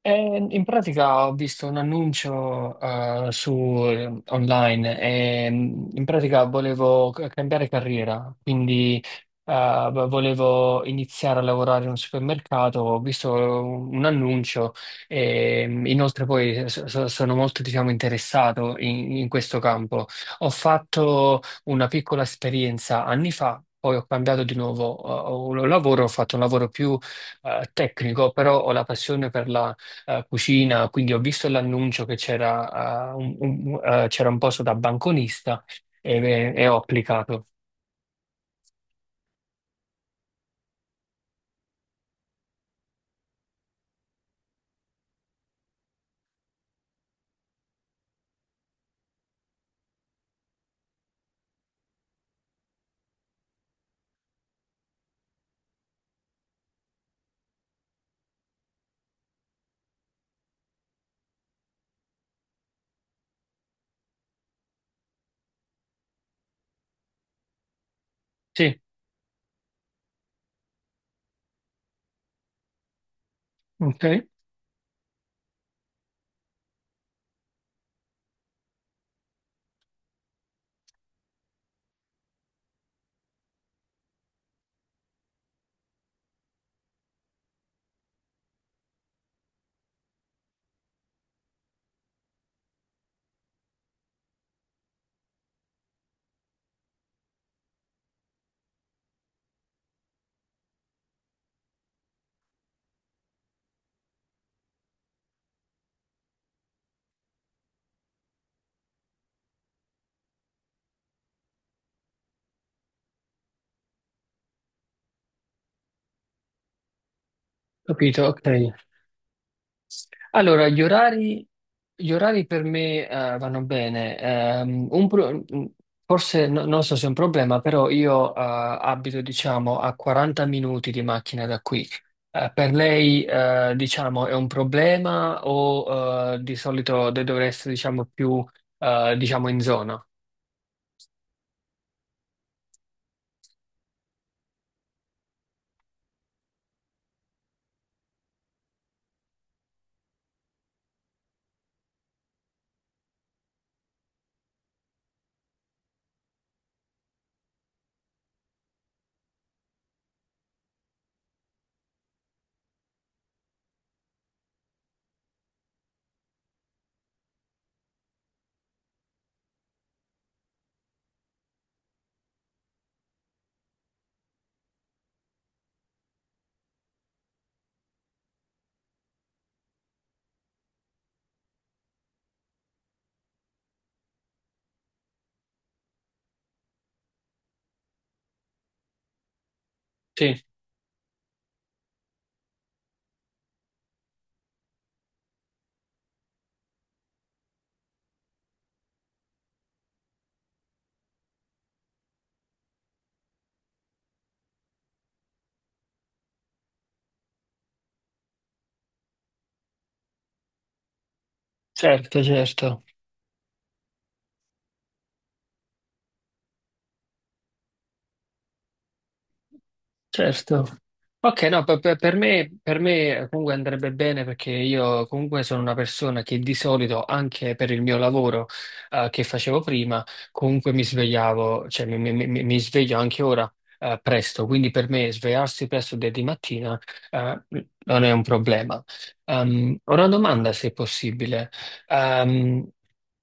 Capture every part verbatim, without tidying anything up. Eh, in pratica ho visto un annuncio eh, su eh, online e mm, in pratica volevo c- cambiare carriera, quindi eh, v- volevo iniziare a lavorare in un supermercato, ho visto un annuncio e mm, inoltre poi so- so- sono molto, diciamo, interessato in, in questo campo. Ho fatto una piccola esperienza anni fa. Poi ho cambiato di nuovo eh, lavoro, ho fatto un lavoro più eh, tecnico, però ho la passione per la eh, cucina, quindi ho visto l'annuncio che c'era eh, un, un- eh, c'era un posto da banconista e, eh, e ho applicato. Sì, ok, capito, ok. Allora, gli orari, gli orari per me eh, vanno bene. Ehm, un pro- mm, forse no- non so se è un problema, però io eh, abito, diciamo, a quaranta minuti di macchina da qui. Eh, per lei, eh, diciamo, è un problema o eh, di solito de- dovreste, diciamo, più eh, diciamo in zona? Sì, certo, certo, certo. Ok, no, per, per- per me, per me comunque andrebbe bene perché io comunque sono una persona che di solito, anche per il mio lavoro eh, che facevo prima, comunque mi svegliavo, cioè mi, mi- mi- mi sveglio anche ora eh, presto, quindi per me svegliarsi presto de- di mattina eh, non è un problema. Ehm, ho una domanda se è possibile. Ehm,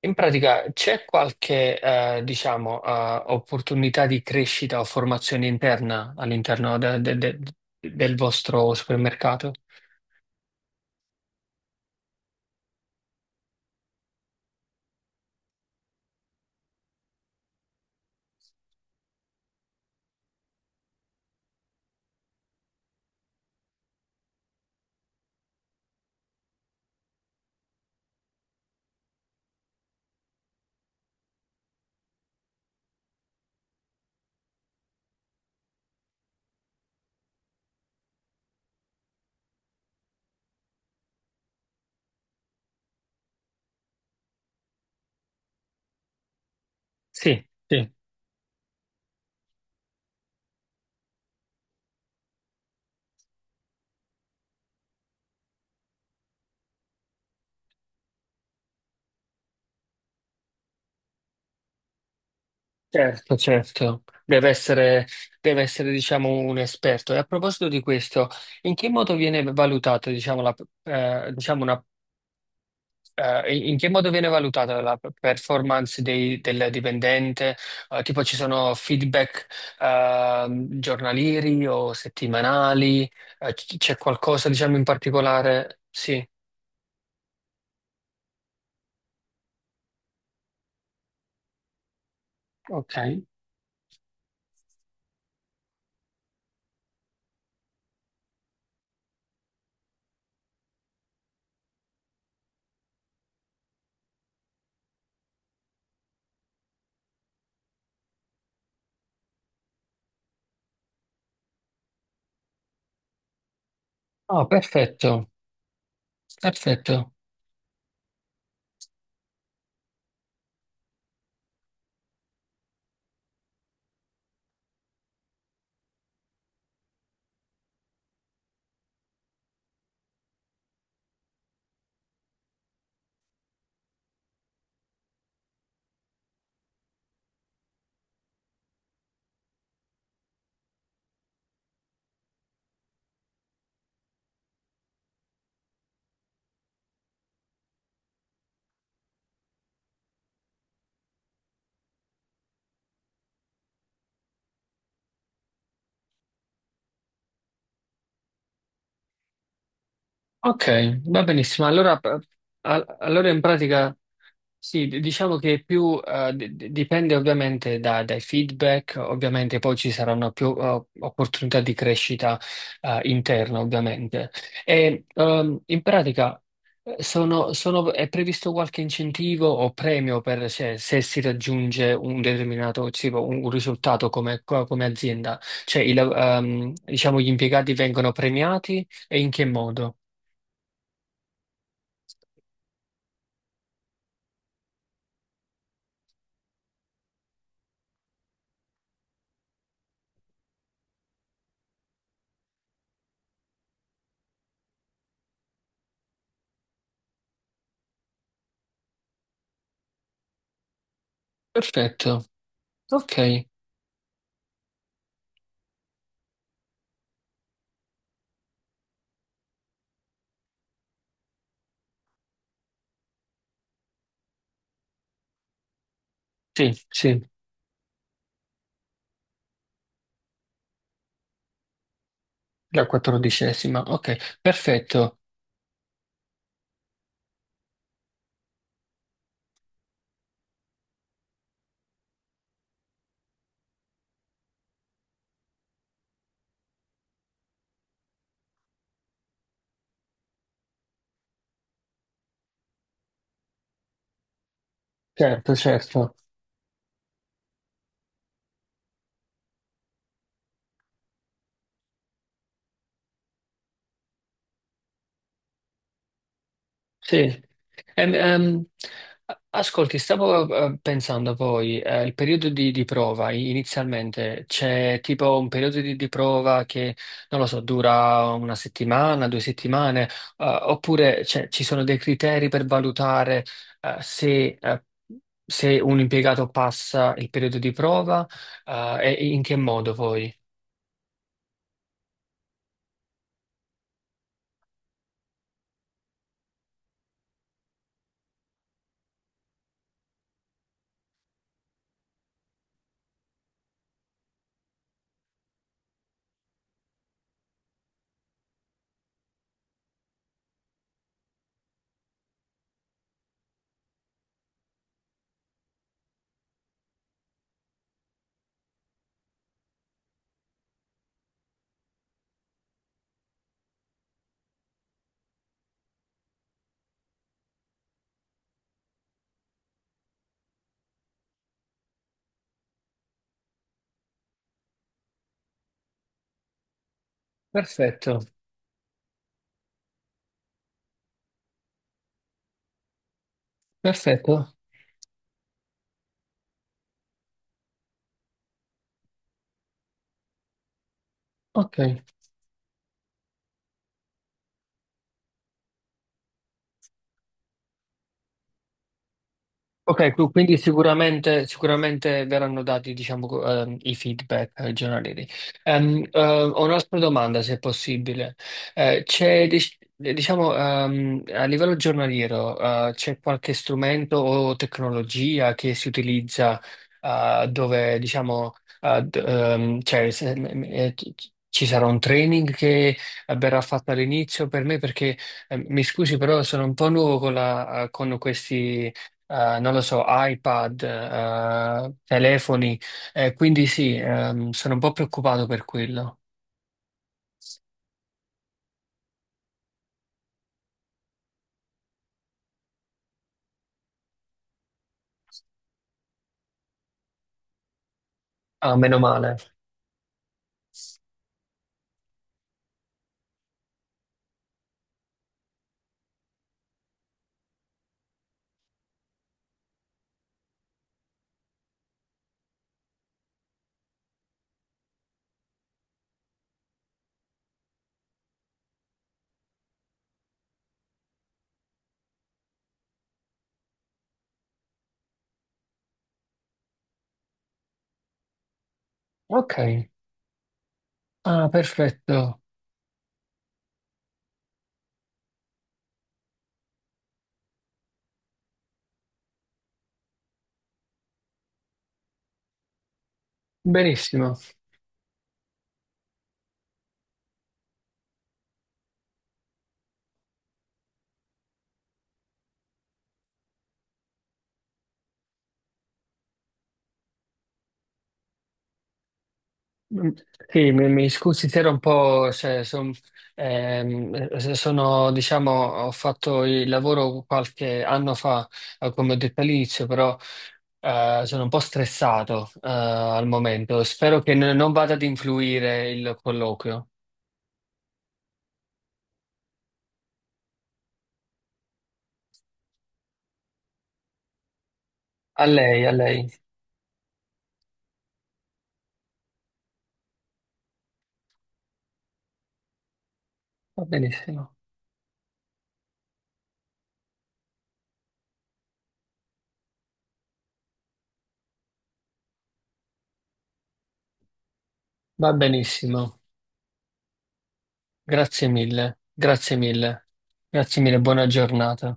In pratica c'è qualche, eh, diciamo, eh, opportunità di crescita o formazione interna all'interno de- de- de- del vostro supermercato? Sì, sì, certo, certo. Deve essere, deve essere, diciamo, un esperto. E a proposito di questo, in che modo viene valutata, diciamo, la, eh, diciamo, una Eh, in in che modo viene valutata la performance dei- del dipendente? Eh, tipo ci sono feedback ehm, giornalieri o settimanali? Eh, c- c'è qualcosa, diciamo, in particolare? Sì, ok. Ah, perfetto, perfetto. Ok, va benissimo. Allora, p- a- allora in pratica. Sì, d- diciamo che più eh, d- d- dipende ovviamente da- dai feedback, ovviamente poi ci saranno più eh, opportunità di crescita eh, interna, ovviamente. E, ehm, in pratica eh, sono- sono- è previsto qualche incentivo o premio per se, se si raggiunge un determinato tipo, un, un risultato come, co- come azienda? Cioè, i lav- ehm, diciamo, gli impiegati vengono premiati e in che modo? Perfetto, ok, sì, sì. La quattordicesima, ok, perfetto, certo, certo, sì. Ehm, ehm, a- Ascolti, stavo eh, pensando a voi, eh, il periodo di, di prova i- inizialmente, c'è tipo un periodo di, di prova che, non lo so, dura una settimana, due settimane, eh, oppure cioè, ci sono dei criteri per valutare eh, se, eh, se un impiegato passa il periodo di prova, eh, e in che modo voi? Perfetto, perfetto, ok. Ok, qui- quindi sicuramente, sicuramente verranno dati, diciamo, co- ehm, i feedback eh, giornalieri. Ehm, eh, ho un'altra domanda, se è possibile. Eh, c'è, dic- diciamo, ehm, a livello giornaliero, eh, c'è qualche strumento o tecnologia che si utilizza, eh, dove, diciamo, eh, d- ehm, cioè, se- eh, ci ci sarà un training che eh, verrà fatto all'inizio per me perché eh, mi scusi, però sono un po' nuovo con, la- eh, con questi eh, non lo so, iPad, eh, telefoni, eh, quindi sì, ehm, sono un po' preoccupato per quello. Ah, meno male. Ok, ah, perfetto, benissimo. Mm, Sì, mi, mi scusi, se ero un po', cioè, son- ehm, eh, se sono, diciamo, ho fatto il lavoro qualche anno fa, eh, come ho detto all'inizio, però eh, sono un po' stressato, eh, al momento. Spero che n- non vada ad influire il colloquio. A lei, a lei. Va benissimo, va benissimo. Grazie mille, grazie mille, grazie mille, buona giornata.